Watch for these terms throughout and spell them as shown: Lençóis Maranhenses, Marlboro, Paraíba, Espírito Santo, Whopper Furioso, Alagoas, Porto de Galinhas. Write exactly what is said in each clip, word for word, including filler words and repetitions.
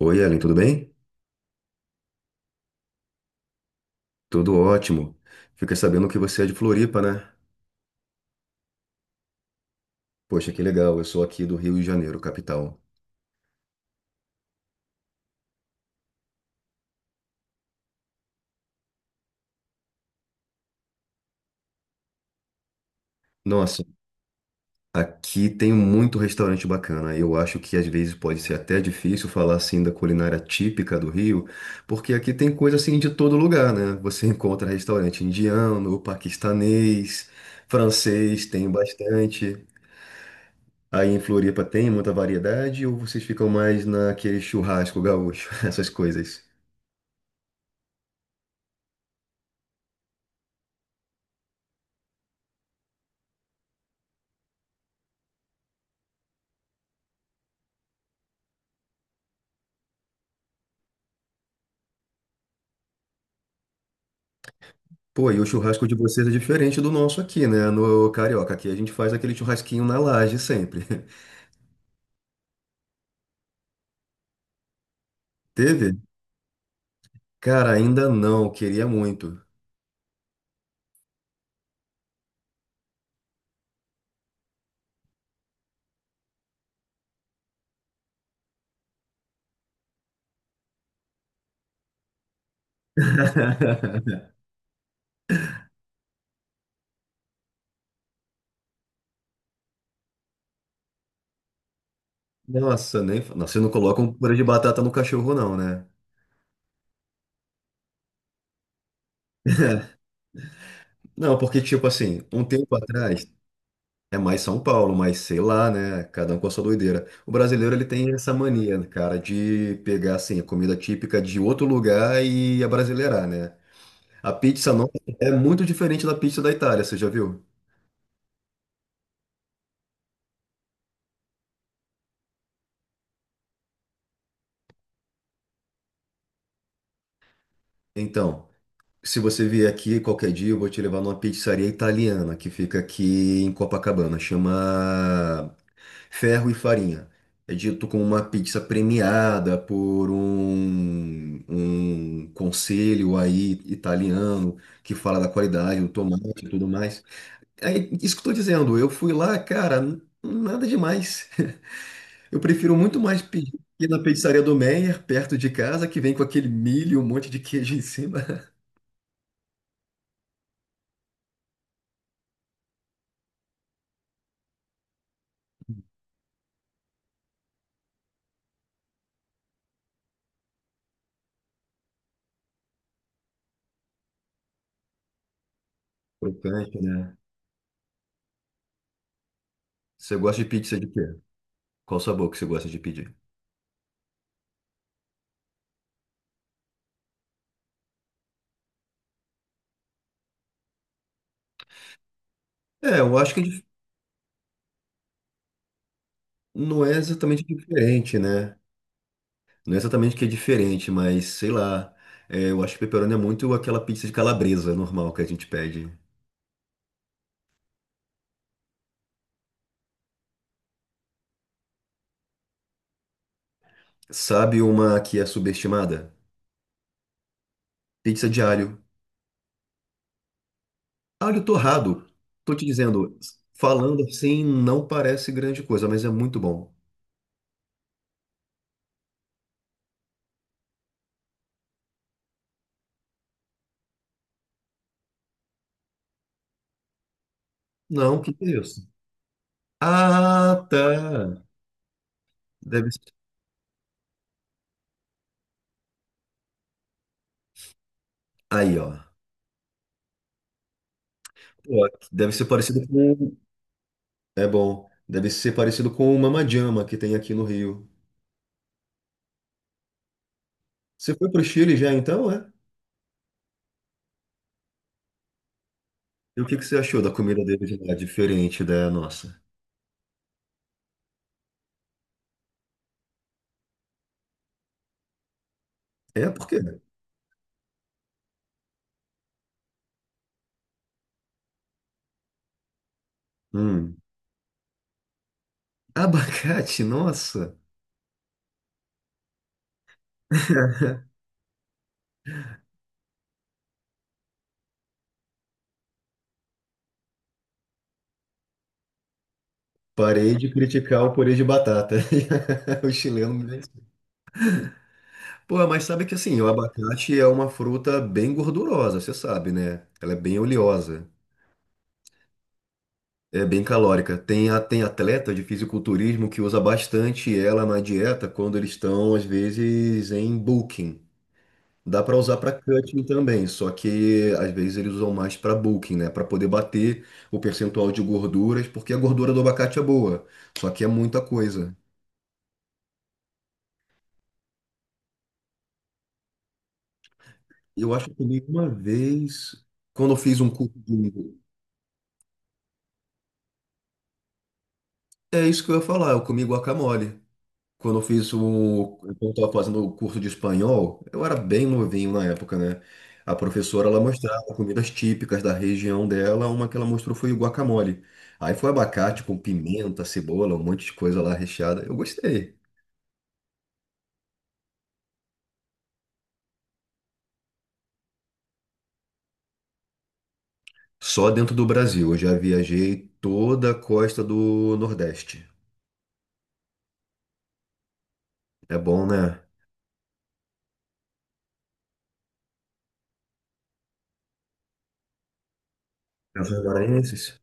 Oi, Ellen, tudo bem? Tudo ótimo. Fiquei sabendo que você é de Floripa, né? Poxa, que legal. Eu sou aqui do Rio de Janeiro, capital. Nossa, aqui tem muito restaurante bacana. Eu acho que às vezes pode ser até difícil falar assim da culinária típica do Rio, porque aqui tem coisa assim de todo lugar, né? Você encontra restaurante indiano, paquistanês, francês, tem bastante. Aí em Floripa tem muita variedade ou vocês ficam mais naquele churrasco gaúcho, essas coisas? Pô, e o churrasco de vocês é diferente do nosso aqui, né? No Carioca. Aqui a gente faz aquele churrasquinho na laje sempre. Teve? Cara, ainda não. Queria muito. Nossa, nem. Fa- Nossa, vocês não colocam purê de batata no cachorro, não, né? Não, porque, tipo assim, um tempo atrás é mais São Paulo, mas sei lá, né? Cada um com a sua doideira. O brasileiro, ele tem essa mania, né, cara, de pegar, assim, a comida típica de outro lugar e abrasileirar, né? A pizza nossa é muito diferente da pizza da Itália, você já viu? Então, se você vier aqui qualquer dia, eu vou te levar numa pizzaria italiana que fica aqui em Copacabana. Chama Ferro e Farinha. É dito como uma pizza premiada por um, um conselho aí italiano que fala da qualidade do tomate e tudo mais. É isso que eu tô dizendo. Eu fui lá, cara, n- nada demais. Eu prefiro muito mais pedir na pizzaria do Meyer, perto de casa, que vem com aquele milho um monte de queijo em cima. Crocante, né? Você gosta de pizza de quê? Qual sabor que você gosta de pedir? É, eu acho que é dif- não é exatamente diferente, né? Não é exatamente que é diferente, mas sei lá. É, eu acho que pepperoni é muito aquela pizza de calabresa normal que a gente pede. Sabe uma que é subestimada? Pizza de alho. Alho torrado. Tô te dizendo, falando assim, não parece grande coisa, mas é muito bom. Não, que que é isso? Ah, tá. Deve ser. Aí, ó. Pô, deve ser parecido com. É bom. Deve ser parecido com o Mamajama que tem aqui no Rio. Você foi pro Chile já então, é? E o que que você achou da comida dele de lá, diferente da nossa? É, por quê? Hum. Abacate, nossa. Parei de criticar o purê de batata. O chileno mesmo. Pô, mas sabe que assim, o abacate é uma fruta bem gordurosa, você sabe, né? Ela é bem oleosa, é bem calórica. Tem, a- tem atleta de fisiculturismo que usa bastante ela na dieta quando eles estão, às vezes, em bulking. Dá para usar para cutting também, só que às vezes eles usam mais para bulking, né? Para poder bater o percentual de gorduras, porque a gordura do abacate é boa, só que é muita coisa. Eu acho que eu comi uma vez, quando eu fiz um curso de... É isso que eu ia falar, eu comi guacamole. Quando eu fiz o, quando eu estava fazendo o curso de espanhol, eu era bem novinho na época, né? A professora, ela mostrava comidas típicas da região dela, uma que ela mostrou foi o guacamole. Aí foi abacate com pimenta, cebola, um monte de coisa lá recheada. Eu gostei. Só dentro do Brasil, eu já viajei toda a costa do Nordeste. É bom, né? Lençóis Maranhenses?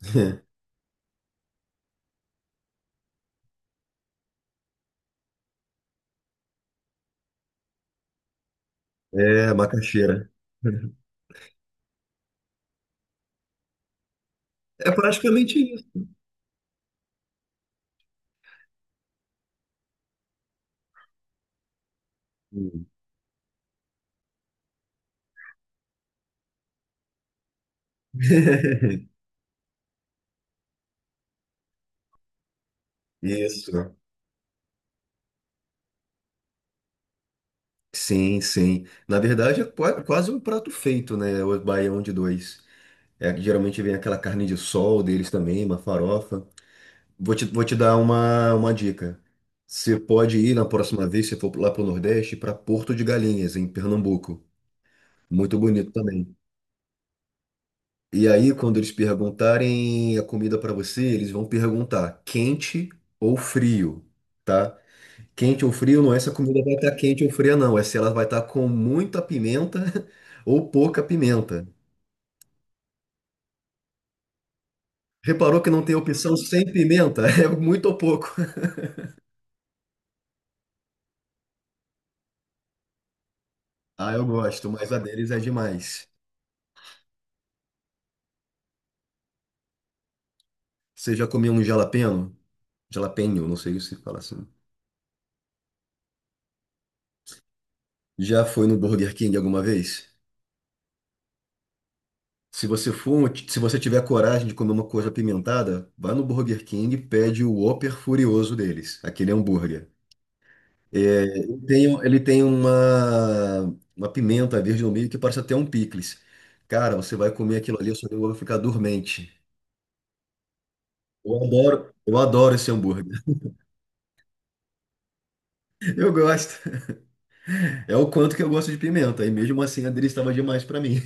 É, macaxeira. É praticamente isso. Isso. Sim, sim. Na verdade, é qua- é quase um prato feito, né? O baião de dois. É, geralmente vem aquela carne de sol deles também, uma farofa. Vou te, vou te dar uma, uma dica. Você pode ir na próxima vez, se for lá para o Nordeste, para Porto de Galinhas, em Pernambuco. Muito bonito também. E aí, quando eles perguntarem a comida para você, eles vão perguntar quente ou frio, tá? Quente ou frio, não é se a comida vai estar quente ou fria, não. É se ela vai estar com muita pimenta ou pouca pimenta. Reparou que não tem opção sem pimenta? É muito ou pouco. Ah, eu gosto, mas a deles é demais. Você já comeu um jalapeno? Jalapeño, não sei se fala assim. Já foi no Burger King alguma vez? Se você for, um, se você tiver coragem de comer uma coisa apimentada, vá no Burger King e pede o Whopper Furioso deles, aquele hambúrguer. É, ele tem, um, ele tem uma, uma pimenta verde no meio que parece até um picles. Cara, você vai comer aquilo ali, o seu negócio vai ficar dormente. Eu adoro, eu adoro esse hambúrguer. Eu gosto. É o quanto que eu gosto de pimenta. E mesmo assim, a dele estava demais para mim.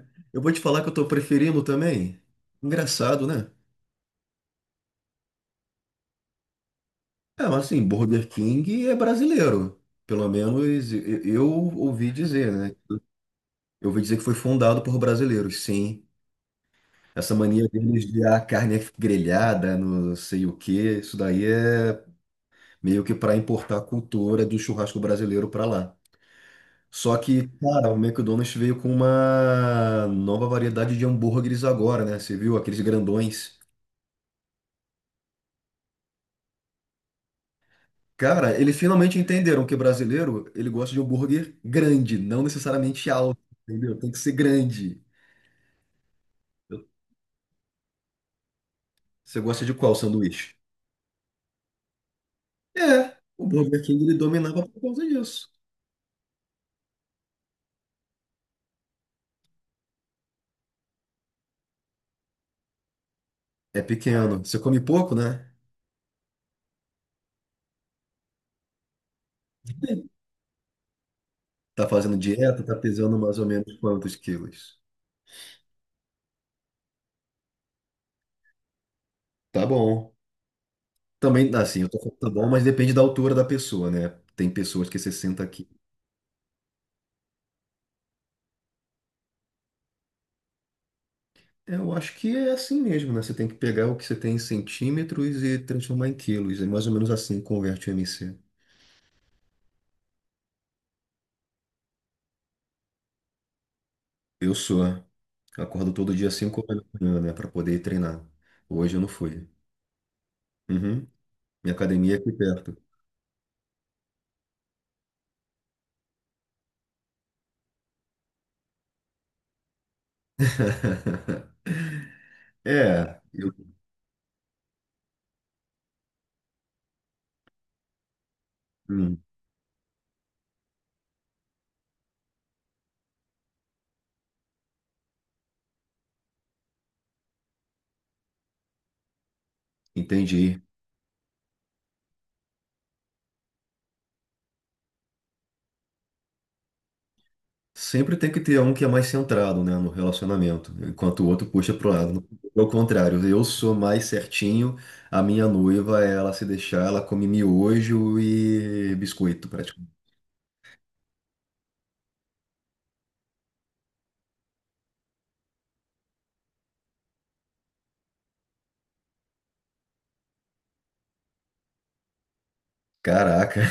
Eu vou te falar que eu tô preferindo também. Engraçado, né? É, mas assim, Burger King é brasileiro. Pelo menos eu eu ouvi dizer, né? Eu ouvi dizer que foi fundado por brasileiros, sim. Essa mania deles de a carne é grelhada, não sei o quê, isso daí é meio que para importar a cultura do churrasco brasileiro para lá. Só que, cara, o McDonald's veio com uma nova variedade de hambúrgueres agora, né? Você viu aqueles grandões? Cara, eles finalmente entenderam que brasileiro, ele gosta de hambúrguer grande, não necessariamente alto, entendeu? Tem que ser grande. Você gosta de qual sanduíche? É, o Burger King ele dominava por causa disso. É pequeno. Você come pouco, né? Tá fazendo dieta, tá pesando mais ou menos quantos quilos? Tá bom. Também, assim, eu tô falando tá bom, mas depende da altura da pessoa, né? Tem pessoas que sessenta quilos. Eu acho que é assim mesmo, né? Você tem que pegar o que você tem em centímetros e transformar em quilos. É mais ou menos assim que converte o M C. Eu sou. Acordo todo dia cinco horas da manhã, né? Pra poder ir treinar. Hoje eu não fui. Uhum. Minha academia é aqui perto. É, eu hum, entendi. Sempre tem que ter um que é mais centrado, né, no relacionamento, enquanto o outro puxa pro lado. Ao contrário, eu sou mais certinho, a minha noiva, ela se deixar, ela come miojo e biscoito, praticamente. Caraca.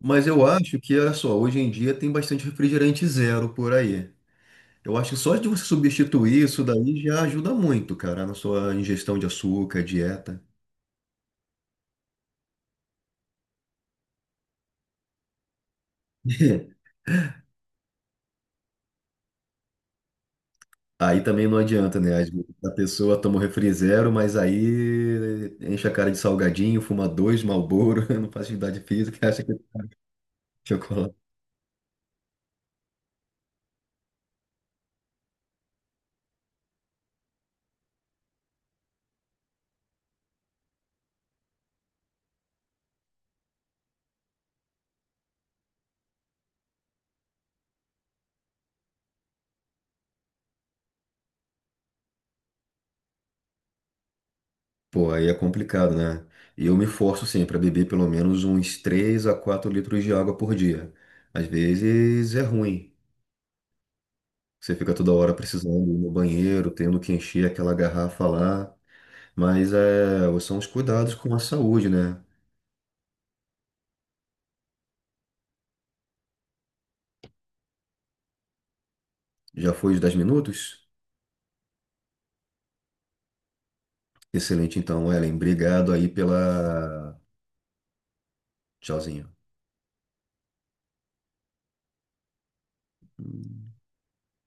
Mas eu acho que, olha só, hoje em dia tem bastante refrigerante zero por aí. Eu acho que só de você substituir isso daí já ajuda muito, cara, na sua ingestão de açúcar, dieta. Aí também não adianta, né? Às vezes a pessoa toma o refri zero, mas aí enche a cara de salgadinho, fuma dois Marlboro, não faz atividade física, acha que é chocolate. Pô, aí é complicado, né? E eu me forço sempre a beber pelo menos uns três a quatro litros de água por dia. Às vezes é ruim. Você fica toda hora precisando ir no banheiro, tendo que encher aquela garrafa lá. Mas é, são os cuidados com a saúde, né? Já foi os dez minutos? Excelente, então, Ellen. Obrigado aí pela Sozinho.